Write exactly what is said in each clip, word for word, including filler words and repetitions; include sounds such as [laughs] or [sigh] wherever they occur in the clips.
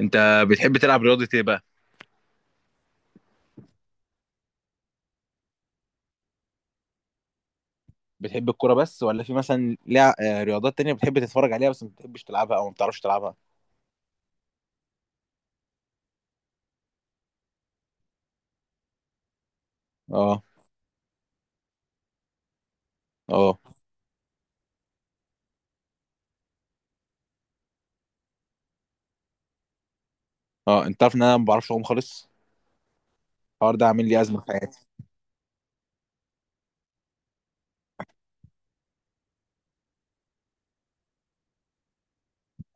انت بتحب تلعب رياضة ايه بقى؟ بتحب الكرة بس ولا في مثلا لع... آه، رياضات تانية بتحب تتفرج عليها بس ما بتحبش تلعبها او ما بتعرفش تلعبها؟ اه اه اه، انت عارف ان انا ما بعرفش اعوم خالص؟ الحوار ده عامل لي ازمة في حياتي.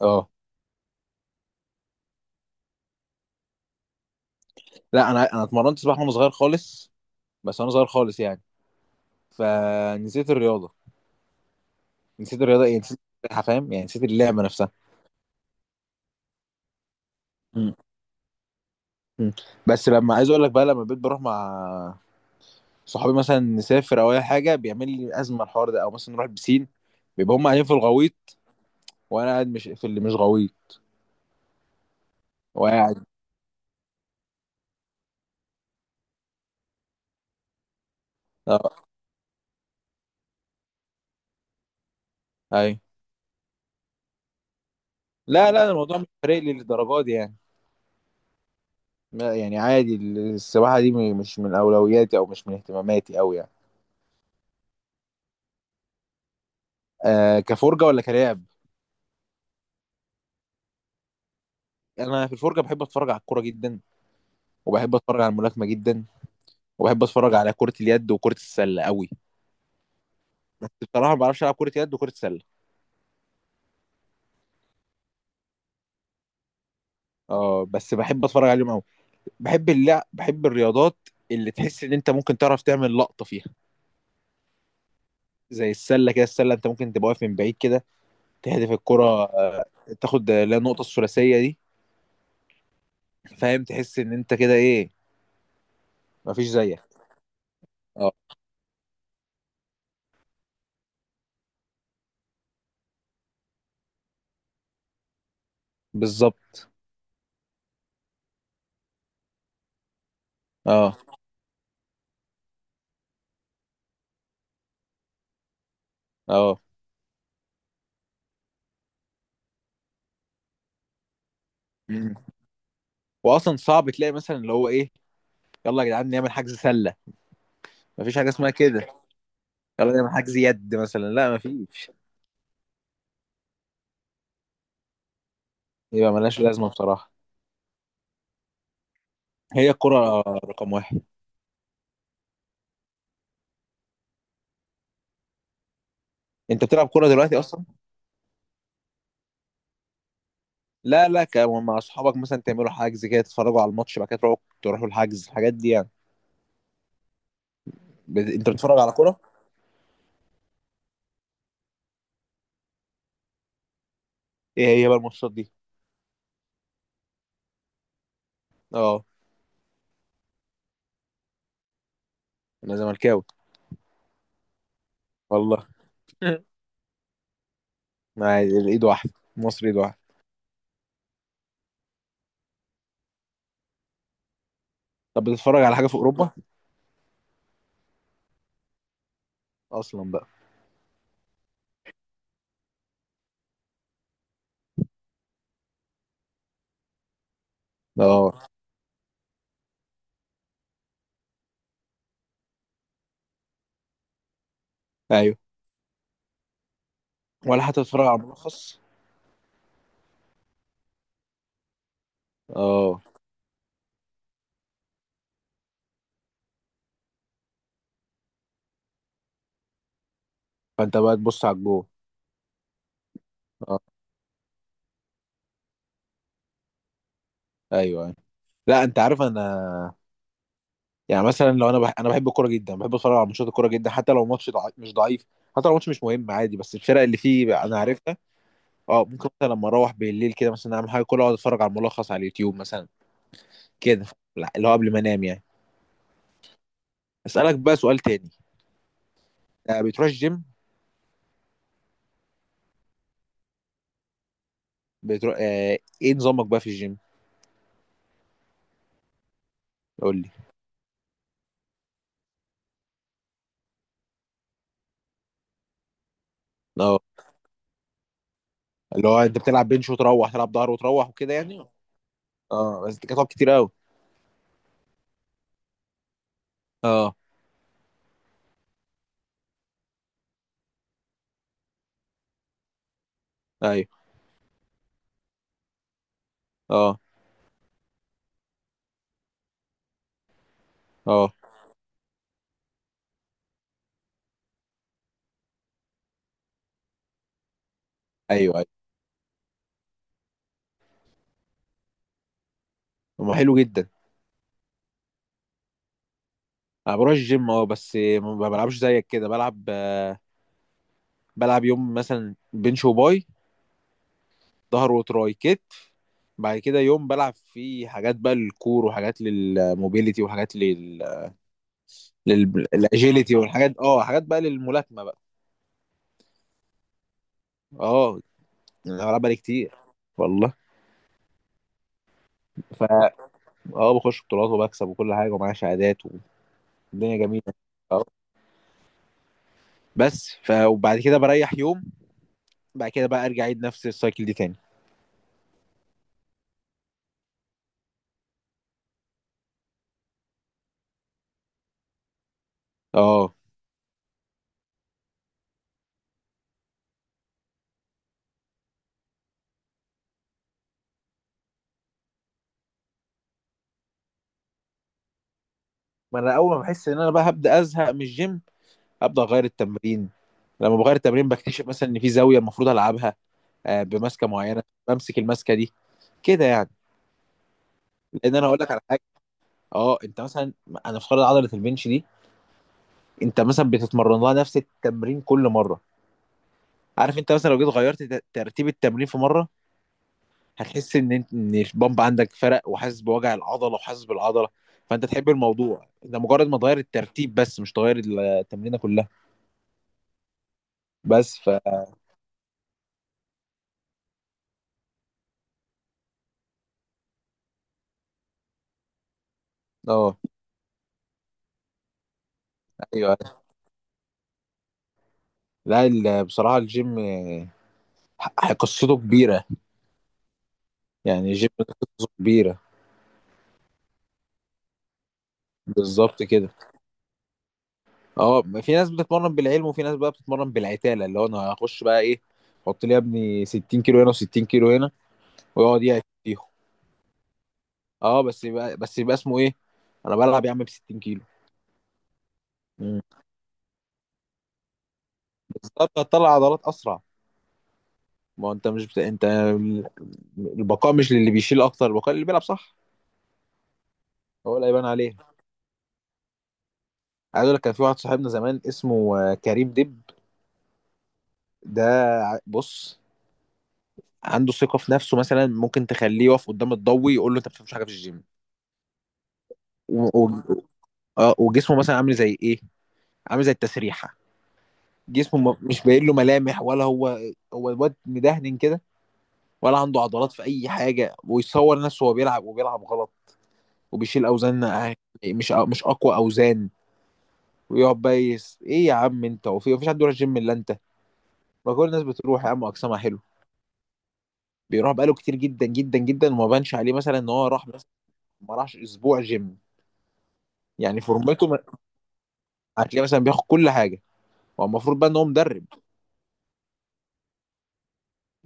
اه، لا انا انا اتمرنت سباحة وانا صغير خالص، بس وانا صغير خالص يعني. فنسيت الرياضة، نسيت الرياضة، ايه، نسيت السباحة، فاهم؟ يعني نسيت اللعبة نفسها. مم. مم. بس لما عايز اقول لك بقى، لما بقيت بروح مع صحابي مثلا نسافر او اي حاجة بيعمل لي ازمة الحوار ده، او مثلا نروح البسين بيبقى هم قاعدين في الغويط، وانا قاعد مش في اللي مش غويط، وقاعد. اه، اي. لا لا الموضوع مش فارق لي للدرجه دي يعني. ما- يعني عادي السباحه دي م- مش من اولوياتي او مش من اهتماماتي قوي يعني. آه، كفرجه ولا كلاعب؟ انا في الفرجه بحب اتفرج على الكوره جدا، وبحب اتفرج على الملاكمه جدا، وبحب اتفرج على كره اليد وكره السله قوي، بس بصراحه ما بعرفش العب كره يد وكره سله. اه بس بحب اتفرج عليهم قوي. بحب اللعب، بحب الرياضات اللي تحس ان انت ممكن تعرف تعمل لقطه فيها. زي السله كده، السله انت ممكن تبقى واقف من بعيد كده تهدف الكرة، آه، تاخد آه، لا، النقطة الثلاثية دي. فاهم؟ تحس ان انت كده ايه، مفيش زيك. اه بالظبط. اه اه. مم. واصلا صعب تلاقي مثلا اللي هو ايه، يلا يا جدعان نعمل حجز سلة، مفيش حاجة اسمها كده. يلا نعمل حجز يد مثلا، لا مفيش. يبقى ملهاش لازمة بصراحة. هي الكرة رقم واحد. انت بتلعب كرة دلوقتي اصلا؟ لا لا، ك- مع اصحابك مثلا تعملوا حجز كده، تتفرجوا على الماتش، بعد كده تروحوا، تروحوا الحجز، الحاجات دي يعني. بت- انت بتتفرج على كرة؟ ايه هي بقى الماتشات دي؟ اه انا زملكاوي والله. [laughs] عادي، الايد واحده، مصر ايد واحده. طب بتتفرج على حاجه في اوروبا اصلا بقى؟ اه ايوه. ولا حتى بتتفرج على ملخص؟ اه، فانت بقى تبص على الجول. اه ايوه ايوه. لا انت عارف انا، يعني مثلا لو انا بح... انا بحب الكوره جدا، بحب اتفرج على ماتشات الكوره جدا حتى لو ماتش ضع... مش ضعيف، حتى لو ماتش مش مهم عادي، بس الفرق اللي فيه بقى انا عرفتها. اه ممكن مثلا لما اروح بالليل كده مثلا اعمل حاجه كلها، اقعد اتفرج على الملخص على اليوتيوب مثلا كده. لا اللي هو قبل ما انام يعني. اسالك بقى سؤال تاني، آه، بتروح الجيم؟ بتروح، آه، ايه نظامك بقى في الجيم؟ قول لي. اه، اللي هو انت بتلعب بنش وتروح تلعب ظهر وتروح وكده يعني. اه بس دي كانت كتير قوي. اه ايوه. اه اه. ايوه ايوه. ما حلو جدا. انا بروح الجيم اه، بس ما بلعبش زيك كده، بلعب آه، بلعب يوم مثلا بنش وباي، ظهر وتراي كتف، بعد كده يوم بلعب فيه حاجات بقى للكور، وحاجات للموبيليتي، وحاجات لل، للاجيليتي، والحاجات، اه حاجات بقى للملاكمه بقى. اه انا بلعب بقالي كتير والله. ف اه، بخش بطولات وبكسب وكل حاجه ومعايا شهادات، الدنيا جميله. اه بس ف وبعد كده بريح يوم، بعد كده بقى ارجع اعيد نفس السايكل دي تاني. اه ما انا اول ما بحس ان انا بقى هبدا ازهق من الجيم ابدا اغير التمرين. لما بغير التمرين بكتشف مثلا ان في زاويه المفروض العبها، آه، بمسكه معينه بمسك المسكه دي كده يعني. لان انا هقول لك على حاجه. اه انت مثلا، انا افترض عضله البنش دي، انت مثلا بتتمرن لها نفس التمرين كل مره. عارف انت مثلا لو جيت غيرت ت- ترتيب التمرين في مره، هتحس ان انت ان البامب عندك فرق، وحاسس بوجع العضله وحاسس بالعضله. فانت تحب الموضوع ده، مجرد ما تغير الترتيب بس مش تغير التمرينه كلها. بس ف اه ايوه. لا ال- بصراحه الجيم آه، ح- قصته كبيره. يعني الجيم قصته كبيره. بالظبط كده. اه في ناس بتتمرن بالعلم، وفي ناس بقى بتتمرن بالعتاله، اللي هو انا هخش بقى ايه، حط لي يا ابني ستين كيلو هنا و60 كيلو هنا، ويقعد يعت فيهم. اه بس يبقى بس يبقى اسمه ايه، انا بلعب يا عم ب ستين كيلو. بالظبط هتطلع عضلات اسرع. ما هو انت مش بت... انت، البقاء مش للي بيشيل اكتر، البقاء اللي بيلعب صح هو اللي هيبان عليه. عايز اقول لك، كان في واحد صاحبنا زمان اسمه آه، كريم دب. ده، ع- بص، عنده ثقه في نفسه مثلا، ممكن تخليه يقف قدام الضوي يقول له انت ما بتفهمش حاجه في الجيم. و... و... آه، وجسمه مثلا عامل زي ايه، عامل زي التسريحه. جسمه ما- مش باين له ملامح، ولا هو، هو الواد مدهن كده، ولا عنده عضلات في اي حاجه، ويصور نفسه وهو بيلعب، وبيلعب غلط، وبيشيل اوزان، أه- مش مش اقوى اوزان، ويقعد بقى يس ايه يا عم انت، وفي مفيش حد بيروح الجيم الا انت، ما كل الناس بتروح يا عم اجسامها حلو. بيروح بقاله كتير جدا جدا جدا، وما بانش عليه مثلا ان هو راح، بس ما راحش اسبوع جيم. يعني فورمته ما- هتلاقيه مثلا بياخد كل حاجه. هو المفروض بقى ان هو مدرب،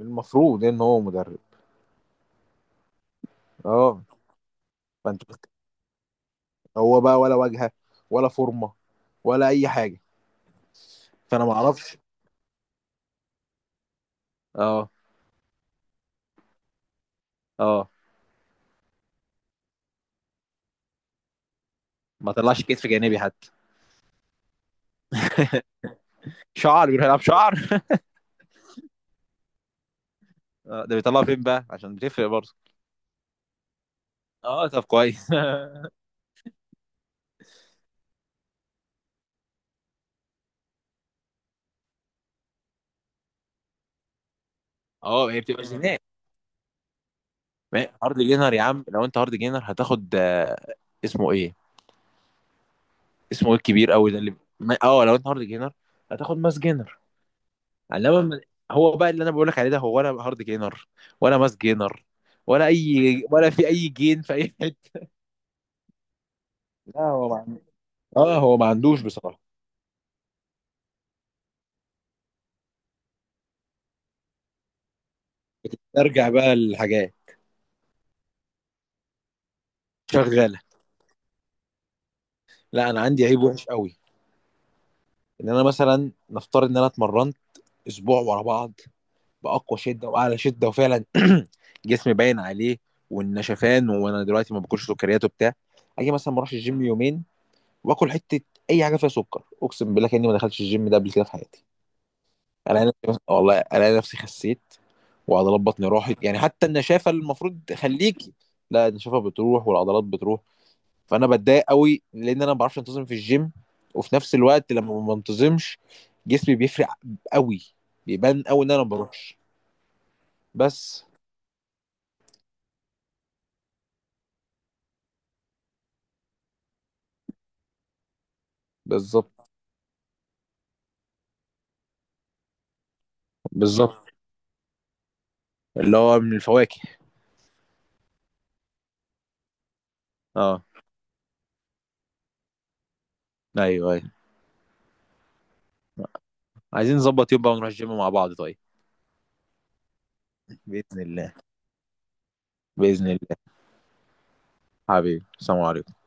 المفروض ان هو مدرب. اه فانت بت- هو بقى ولا واجهه، ولا فورمه، ولا اي حاجه؟ فانا ما اعرفش. اه اه ما طلعش كتف جانبي حتى. شعر، بيروح يلعب شعر. آه، ده بيطلعوا فين بقى عشان بتفرق برضه. اه طب كويس. [laughs] اه هي بتبقى جينات. ما- هارد جينر يا عم، لو انت هارد جينر هتاخد، آه، اسمه ايه، اسمه ايه الكبير قوي ده اللي، ما- اه لو انت هارد جينر هتاخد ماس جينر. انما م- هو بقى اللي انا بقول لك عليه ده، هو ولا هارد جينر ولا ماس جينر، ولا اي، ولا في اي جين في اي حته. لا هو ما عن- اه هو ما عندوش بصراحه. بتسترجع بقى الحاجات، شغاله. لا انا عندي عيب وحش قوي، ان انا مثلا نفترض ان انا اتمرنت اسبوع ورا بعض، باقوى شده واعلى شده، وفعلا [clears throat] جسمي باين عليه والنشفان، وانا دلوقتي ما باكلش سكريات وبتاع، اجي مثلا ما اروحش الجيم يومين واكل حته، اي حاجه فيها سكر، اقسم بالله كاني ما دخلتش الجيم ده قبل كده في حياتي. انا نفسي والله، انا نفسي خسيت وعضلات بطني راحت، يعني حتى النشافه اللي المفروض تخليكي، لا النشافه بتروح والعضلات بتروح. فانا بتضايق قوي لان انا ما بعرفش انتظم في الجيم، وفي نفس الوقت لما ما بنتظمش جسمي بيفرق قوي، بيبان قوي ان انا ما بروحش. بس بالظبط. بالظبط، اللي هو من الفواكه. اه ايوه ايوه. عايزين نظبط يوم بقى ونروح الجيم مع بعض طيب؟ بإذن الله. بإذن الله. حبيبي السلام عليكم.